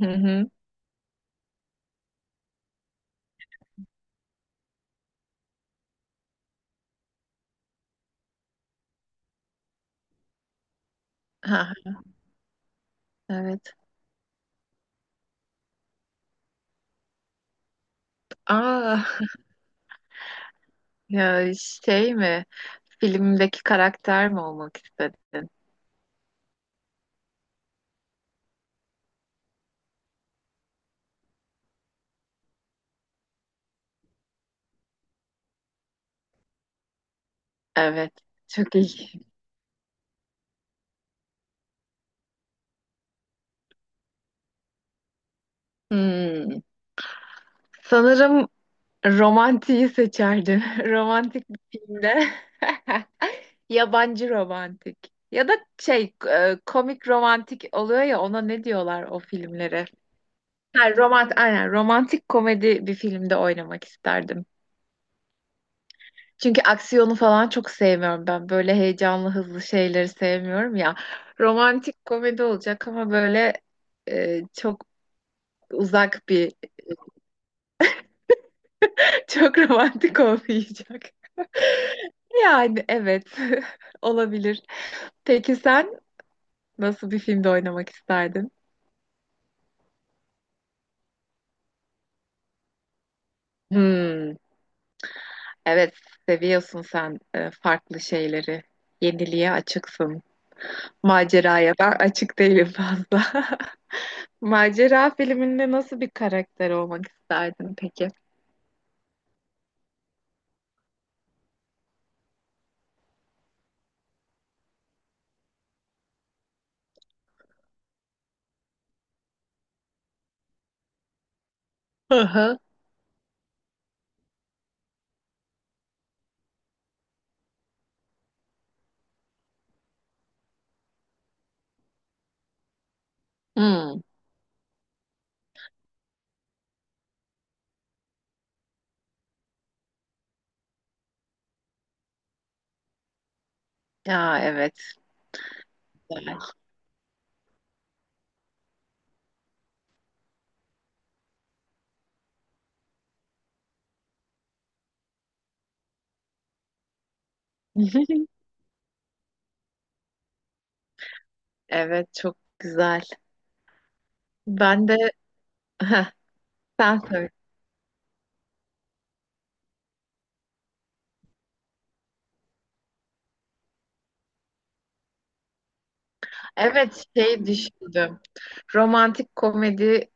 Hı hı. Ha, evet. Aa, ya şey mi? Filmdeki karakter mi olmak istedin? Evet. Çok iyi. Hmm. Sanırım romantiği seçerdim. Romantik bir filmde. Yabancı romantik. Ya da komik romantik oluyor ya ona ne diyorlar o filmlere? Ha, romantik komedi bir filmde oynamak isterdim. Çünkü aksiyonu falan çok sevmiyorum ben. Böyle heyecanlı, hızlı şeyleri sevmiyorum ya. Romantik komedi olacak ama böyle çok uzak bir, çok romantik olmayacak. Yani evet, olabilir. Peki sen nasıl bir filmde oynamak isterdin? Hmm, evet, seviyorsun sen farklı şeyleri. Yeniliğe açıksın. Maceraya ben açık değilim fazla. Macera filminde nasıl bir karakter olmak isterdin peki? Hı hı. Hmm. Ya evet. Güzel. Evet çok güzel. Ben de. Heh, sen söyle. Evet şey düşündüm. Romantik komedi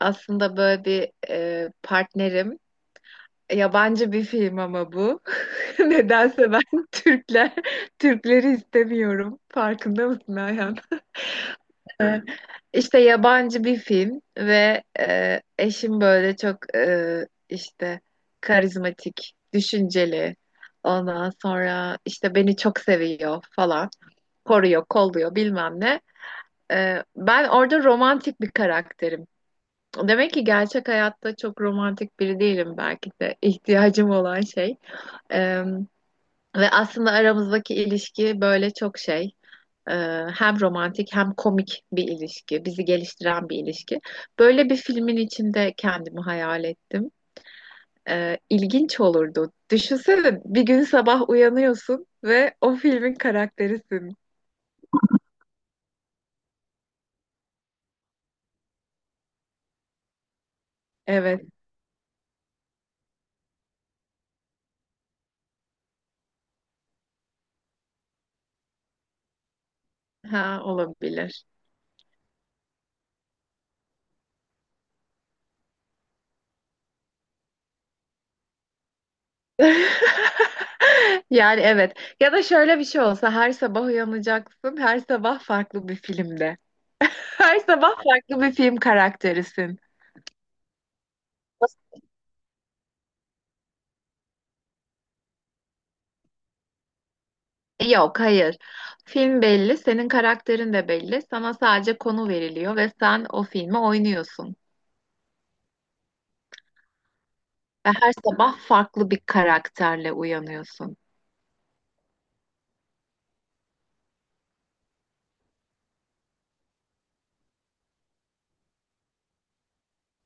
aslında böyle bir partnerim. Yabancı bir film ama bu. Nedense ben Türkler Türkleri istemiyorum. Farkında mısın Ayhan? İşte yabancı bir film ve eşim böyle çok işte karizmatik, düşünceli. Ondan sonra işte beni çok seviyor falan. Koruyor, kolluyor bilmem ne. Ben orada romantik bir karakterim. Demek ki gerçek hayatta çok romantik biri değilim belki de ihtiyacım olan şey. E, Ve aslında aramızdaki ilişki böyle çok şey. Hem romantik hem komik bir ilişki, bizi geliştiren bir ilişki. Böyle bir filmin içinde kendimi hayal ettim. İlginç olurdu. Düşünsene bir gün sabah uyanıyorsun ve o filmin karakterisin. Evet, ha olabilir. Yani evet. Ya da şöyle bir şey olsa her sabah uyanacaksın, her sabah farklı bir filmde. Her sabah farklı bir film karakterisin. Yok, hayır. Film belli, senin karakterin de belli. Sana sadece konu veriliyor ve sen o filmi oynuyorsun. Ve her sabah farklı bir karakterle uyanıyorsun.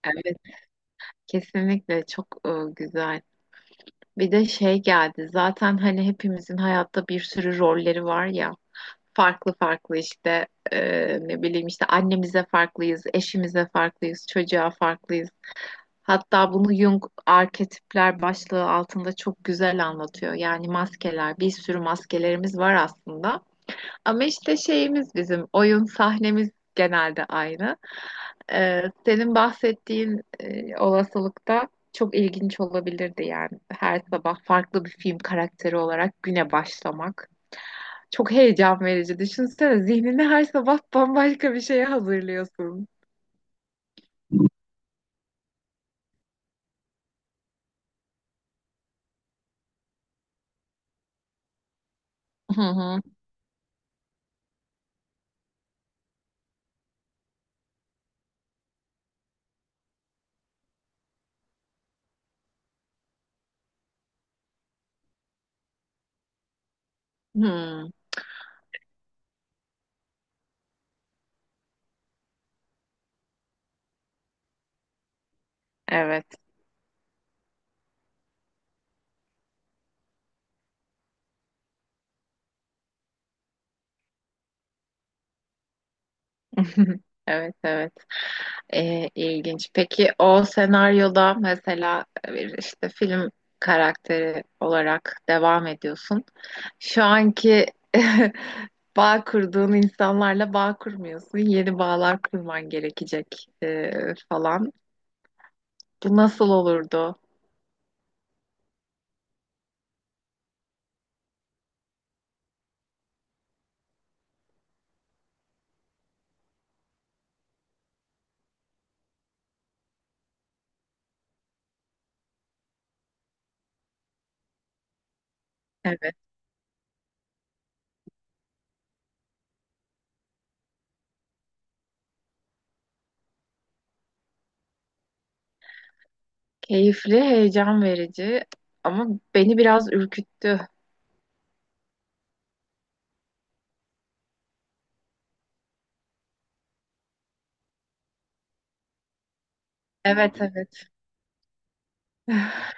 Evet, kesinlikle çok güzel. Bir de şey geldi. Zaten hani hepimizin hayatta bir sürü rolleri var ya. Farklı farklı işte ne bileyim işte annemize farklıyız, eşimize farklıyız, çocuğa farklıyız. Hatta bunu Jung arketipler başlığı altında çok güzel anlatıyor. Yani maskeler, bir sürü maskelerimiz var aslında. Ama işte şeyimiz bizim, oyun sahnemiz genelde aynı. Senin bahsettiğin olasılıkta çok ilginç olabilirdi yani. Her sabah farklı bir film karakteri olarak güne başlamak. Çok heyecan verici. Düşünsene zihnini her sabah bambaşka bir şeye hazırlıyorsun. Hı hı. Hı, evet. Evet, evet. İlginç. Peki o senaryoda mesela bir işte film karakteri olarak devam ediyorsun. Şu anki bağ kurduğun insanlarla bağ kurmuyorsun. Yeni bağlar kurman gerekecek falan. Bu nasıl olurdu? Evet. Keyifli, heyecan verici ama beni biraz ürküttü. Evet, evet.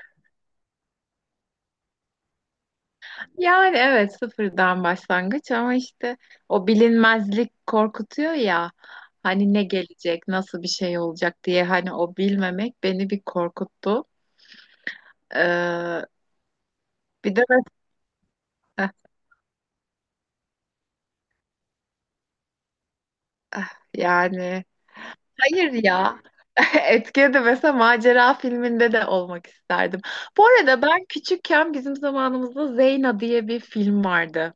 Yani evet, sıfırdan başlangıç ama işte o bilinmezlik korkutuyor ya, hani ne gelecek nasıl bir şey olacak diye, hani o bilmemek beni bir korkuttu. Ee, Bir de mesela yani hayır ya. Etkiye de mesela macera filminde de olmak isterdim. Bu arada ben küçükken bizim zamanımızda Zeyna diye bir film vardı.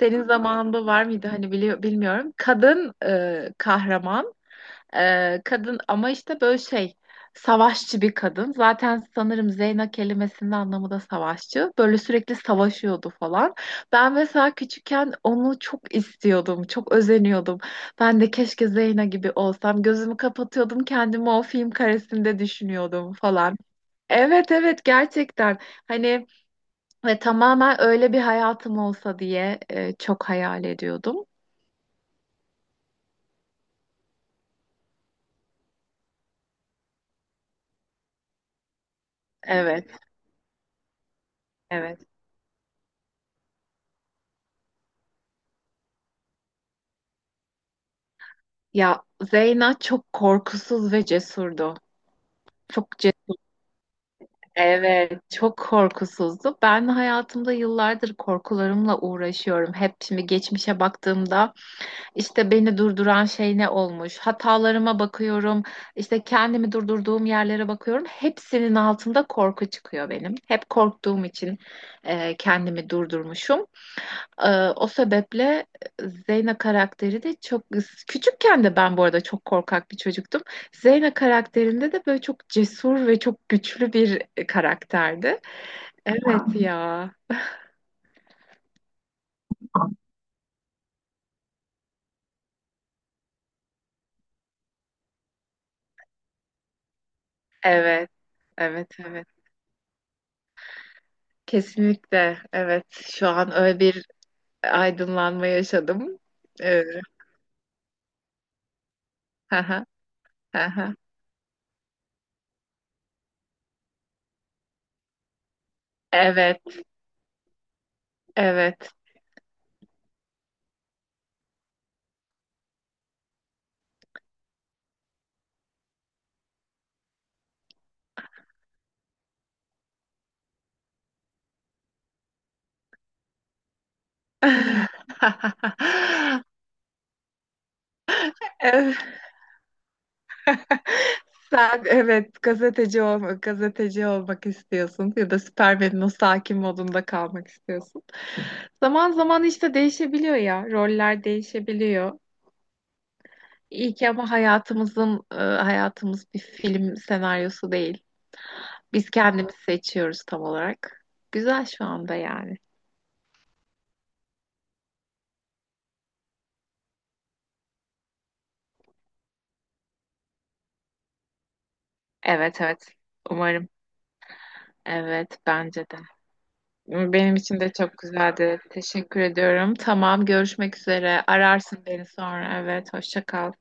Senin zamanında var mıydı hani biliyor, bilmiyorum. Kadın kahraman. Kadın ama işte böyle şey, savaşçı bir kadın. Zaten sanırım Zeyna kelimesinin anlamı da savaşçı. Böyle sürekli savaşıyordu falan. Ben mesela küçükken onu çok istiyordum. Çok özeniyordum. Ben de keşke Zeyna gibi olsam. Gözümü kapatıyordum, kendimi o film karesinde düşünüyordum falan. Evet, evet, gerçekten. Hani ve tamamen öyle bir hayatım olsa diye çok hayal ediyordum. Evet, evet. Ya, Zeyna çok korkusuz ve cesurdu. Çok cesur. Evet, çok korkusuzdu. Ben hayatımda yıllardır korkularımla uğraşıyorum. Hep şimdi geçmişe baktığımda işte beni durduran şey ne olmuş? Hatalarıma bakıyorum. İşte kendimi durdurduğum yerlere bakıyorum. Hepsinin altında korku çıkıyor benim. Hep korktuğum için kendimi durdurmuşum. Ee, O sebeple Zeyna karakteri de çok küçükken de ben bu arada çok korkak bir çocuktum. Zeyna karakterinde de böyle çok cesur ve çok güçlü bir karakterdi. Evet. Ya. Evet, evet, evet. Kesinlikle. Evet. Şu an öyle bir aydınlanma yaşadım. Ee, haha, haha. Evet, evet. Evet. Sen evet gazeteci olmak, gazeteci olmak istiyorsun ya da Superman'in o sakin modunda kalmak istiyorsun. Zaman zaman işte değişebiliyor ya, roller değişebiliyor. İyi ki ama hayatımız bir film senaryosu değil. Biz kendimiz seçiyoruz tam olarak. Güzel şu anda yani. Evet, evet. Umarım. Evet bence de. Benim için de çok güzeldi. Teşekkür ediyorum. Tamam, görüşmek üzere. Ararsın beni sonra. Evet, hoşça kal.